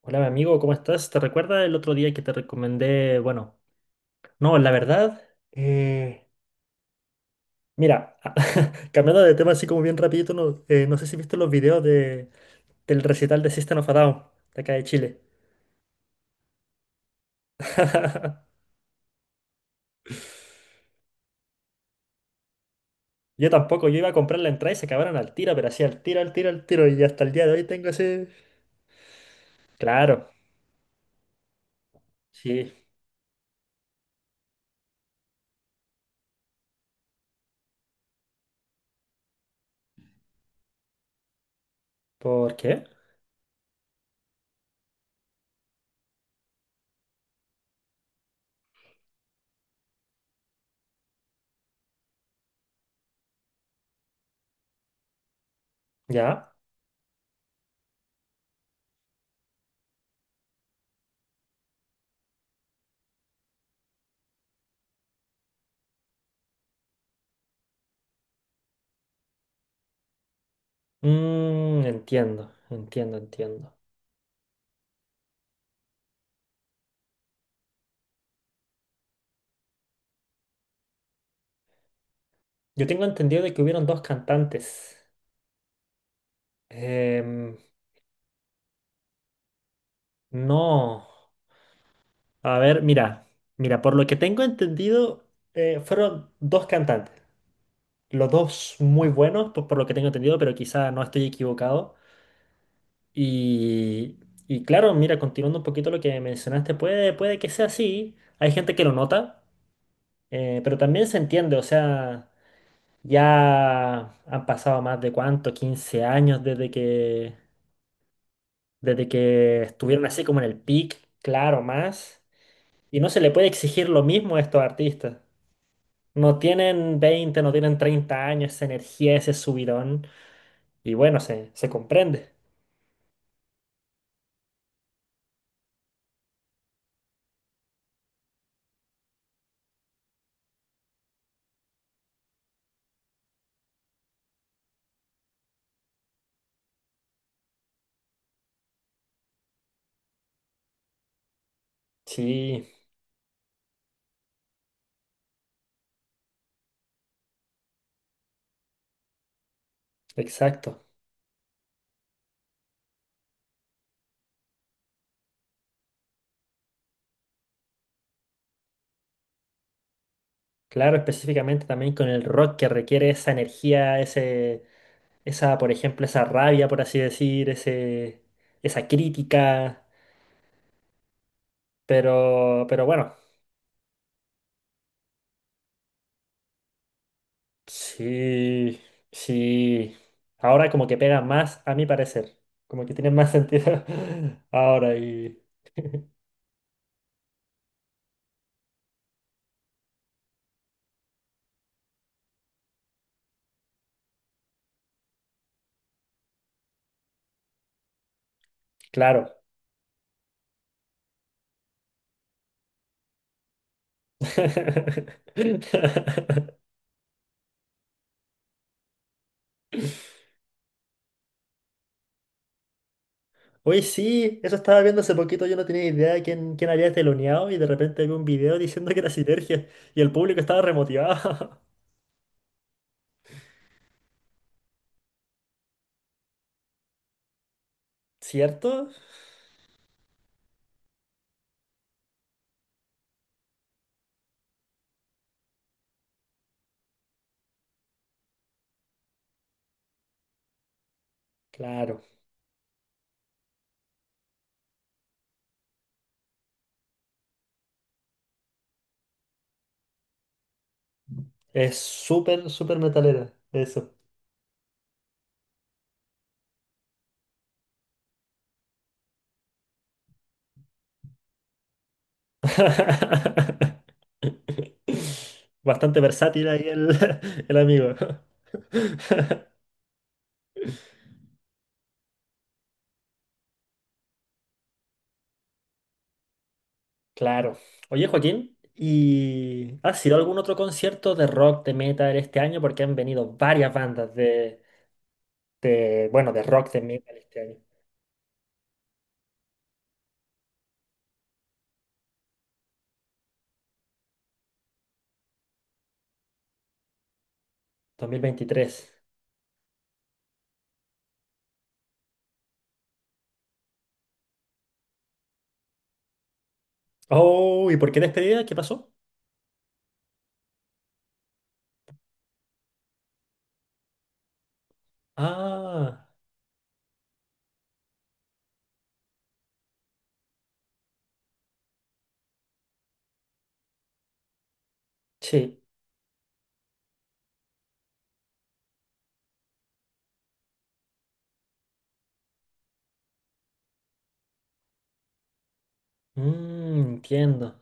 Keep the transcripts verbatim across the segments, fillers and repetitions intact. Hola, mi amigo, ¿cómo estás? ¿Te recuerdas el otro día que te recomendé? Bueno, no, la verdad, eh, mira, cambiando de tema así como bien rapidito, no, eh, no sé si viste los videos de, del recital de System of a Down, de acá de Chile. Yo tampoco, yo iba a comprar la entrada y se acabaron al tiro, pero así al tiro, al tiro, al tiro, y hasta el día de hoy tengo ese... Claro, sí. ¿Por qué? Ya. Mm, entiendo, entiendo, entiendo. Yo tengo entendido de que hubieron dos cantantes. Em, No, a ver, mira, mira, por lo que tengo entendido, eh, fueron dos cantantes, los dos muy buenos, por, por lo que tengo entendido, pero quizá no estoy equivocado. Y, y claro, mira, continuando un poquito lo que mencionaste, puede, puede que sea así, hay gente que lo nota, eh, pero también se entiende, o sea, ya han pasado más de cuánto, quince años desde que, desde que estuvieron así como en el peak, claro, más, y no se le puede exigir lo mismo a estos artistas. No tienen veinte no tienen treinta años, esa energía, ese subidón. Y bueno, se, se comprende. Sí, exacto. Claro, específicamente también con el rock que requiere esa energía, ese, esa, por ejemplo, esa rabia, por así decir, ese, esa crítica. Pero, pero bueno, sí, sí. Ahora como que pega más, a mi parecer. Como que tiene más sentido ahora y... Claro. Oye, sí, eso estaba viendo hace poquito, yo no tenía idea de quién, quién había teloneado y de repente vi un video diciendo que era Sinergia y el público estaba remotivado. ¿Cierto? Claro. Es súper, súper metalera, eso. Bastante versátil ahí el, el amigo. Claro. Oye, Joaquín, ¿y has ido a algún otro concierto de rock, de metal este año? Porque han venido varias bandas de, de, bueno, de rock, de metal este año. dos mil veintitrés Oh, ¿y por qué despedida? ¿Qué pasó? Ah, sí. Mm, entiendo.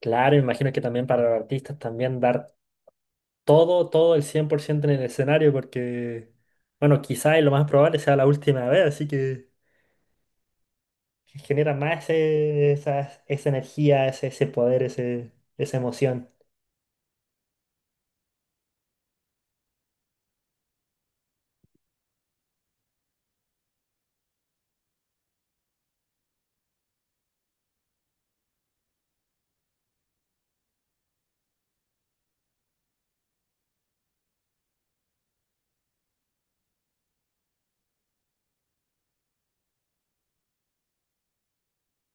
Claro, me imagino que también para los artistas también dar todo, todo el cien por ciento en el escenario porque, bueno, quizá y lo más probable sea la última vez, así que genera más ese- esa, esa energía, ese, ese poder, ese, esa emoción.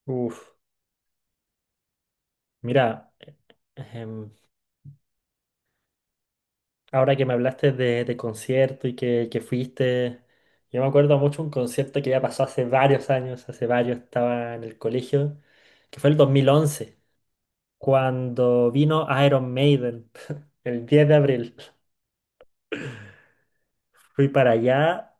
Uf, mira, em, Ahora que me hablaste de, de concierto y que, que fuiste, yo me acuerdo mucho un concierto que ya pasó hace varios años, hace varios estaba en el colegio, que fue el dos mil once, cuando vino Iron Maiden, el diez de abril. Fui para allá,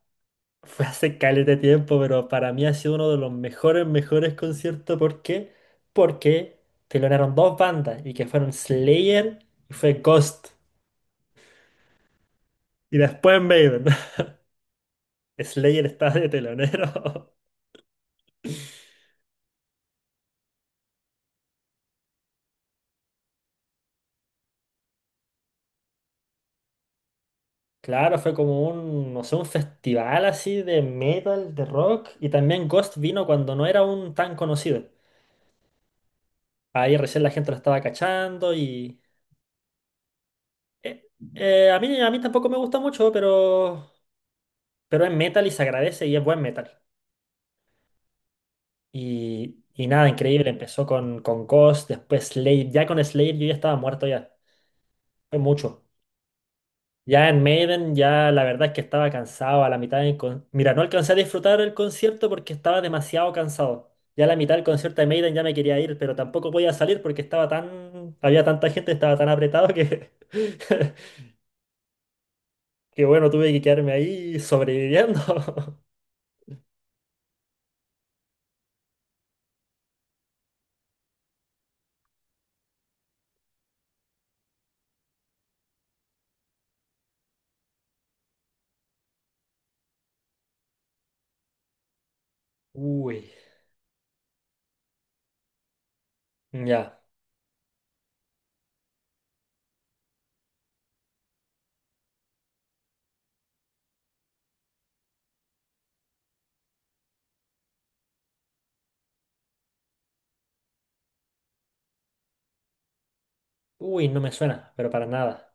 fue hace caleta de tiempo, pero para mí ha sido uno de los mejores, mejores conciertos. ¿Por qué? Porque telonearon dos bandas y que fueron Slayer y fue Ghost. Y después Maiden. Slayer estaba de telonero. Claro, fue como un, no sé, un festival así de metal, de rock, y también Ghost vino cuando no era un tan conocido. Ahí recién la gente lo estaba cachando y... eh, eh, a mí, a mí tampoco me gusta mucho, pero, pero es metal y se agradece y es buen metal. Y, y nada, increíble, empezó con, con Ghost, después Slade, ya con Slade yo ya estaba muerto ya, fue mucho. Ya en Maiden, ya la verdad es que estaba cansado a la mitad del con- Mira, no alcancé a disfrutar el concierto porque estaba demasiado cansado. Ya a la mitad del concierto de Maiden ya me quería ir, pero tampoco podía salir porque estaba tan... Había tanta gente, estaba tan apretado que... que bueno, tuve que quedarme ahí sobreviviendo. Uy, ya. Uy, no me suena, pero para nada.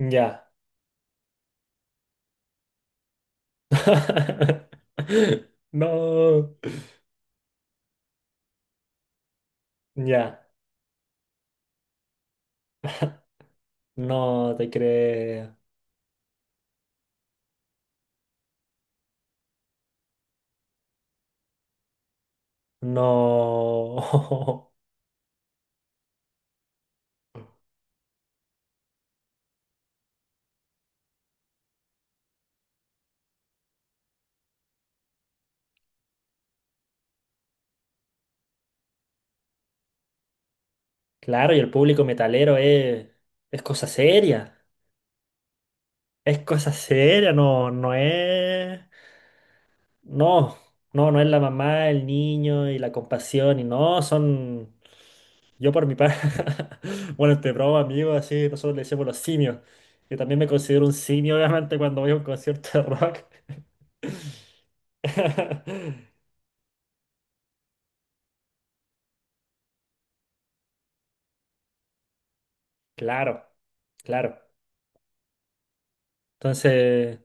Ya. No. Ya. No te creo. No. Claro, y el público metalero es, es cosa seria. Es cosa seria, no, no es. No, no, no es la mamá, el niño y la compasión, y no, son. Yo por mi parte. Bueno, este broma, amigo, así nosotros le decimos los simios. Yo también me considero un simio, obviamente, cuando voy a un concierto de rock. Claro, claro. Entonces,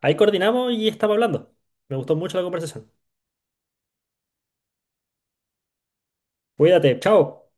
ahí coordinamos y estamos hablando. Me gustó mucho la conversación. Cuídate, chao.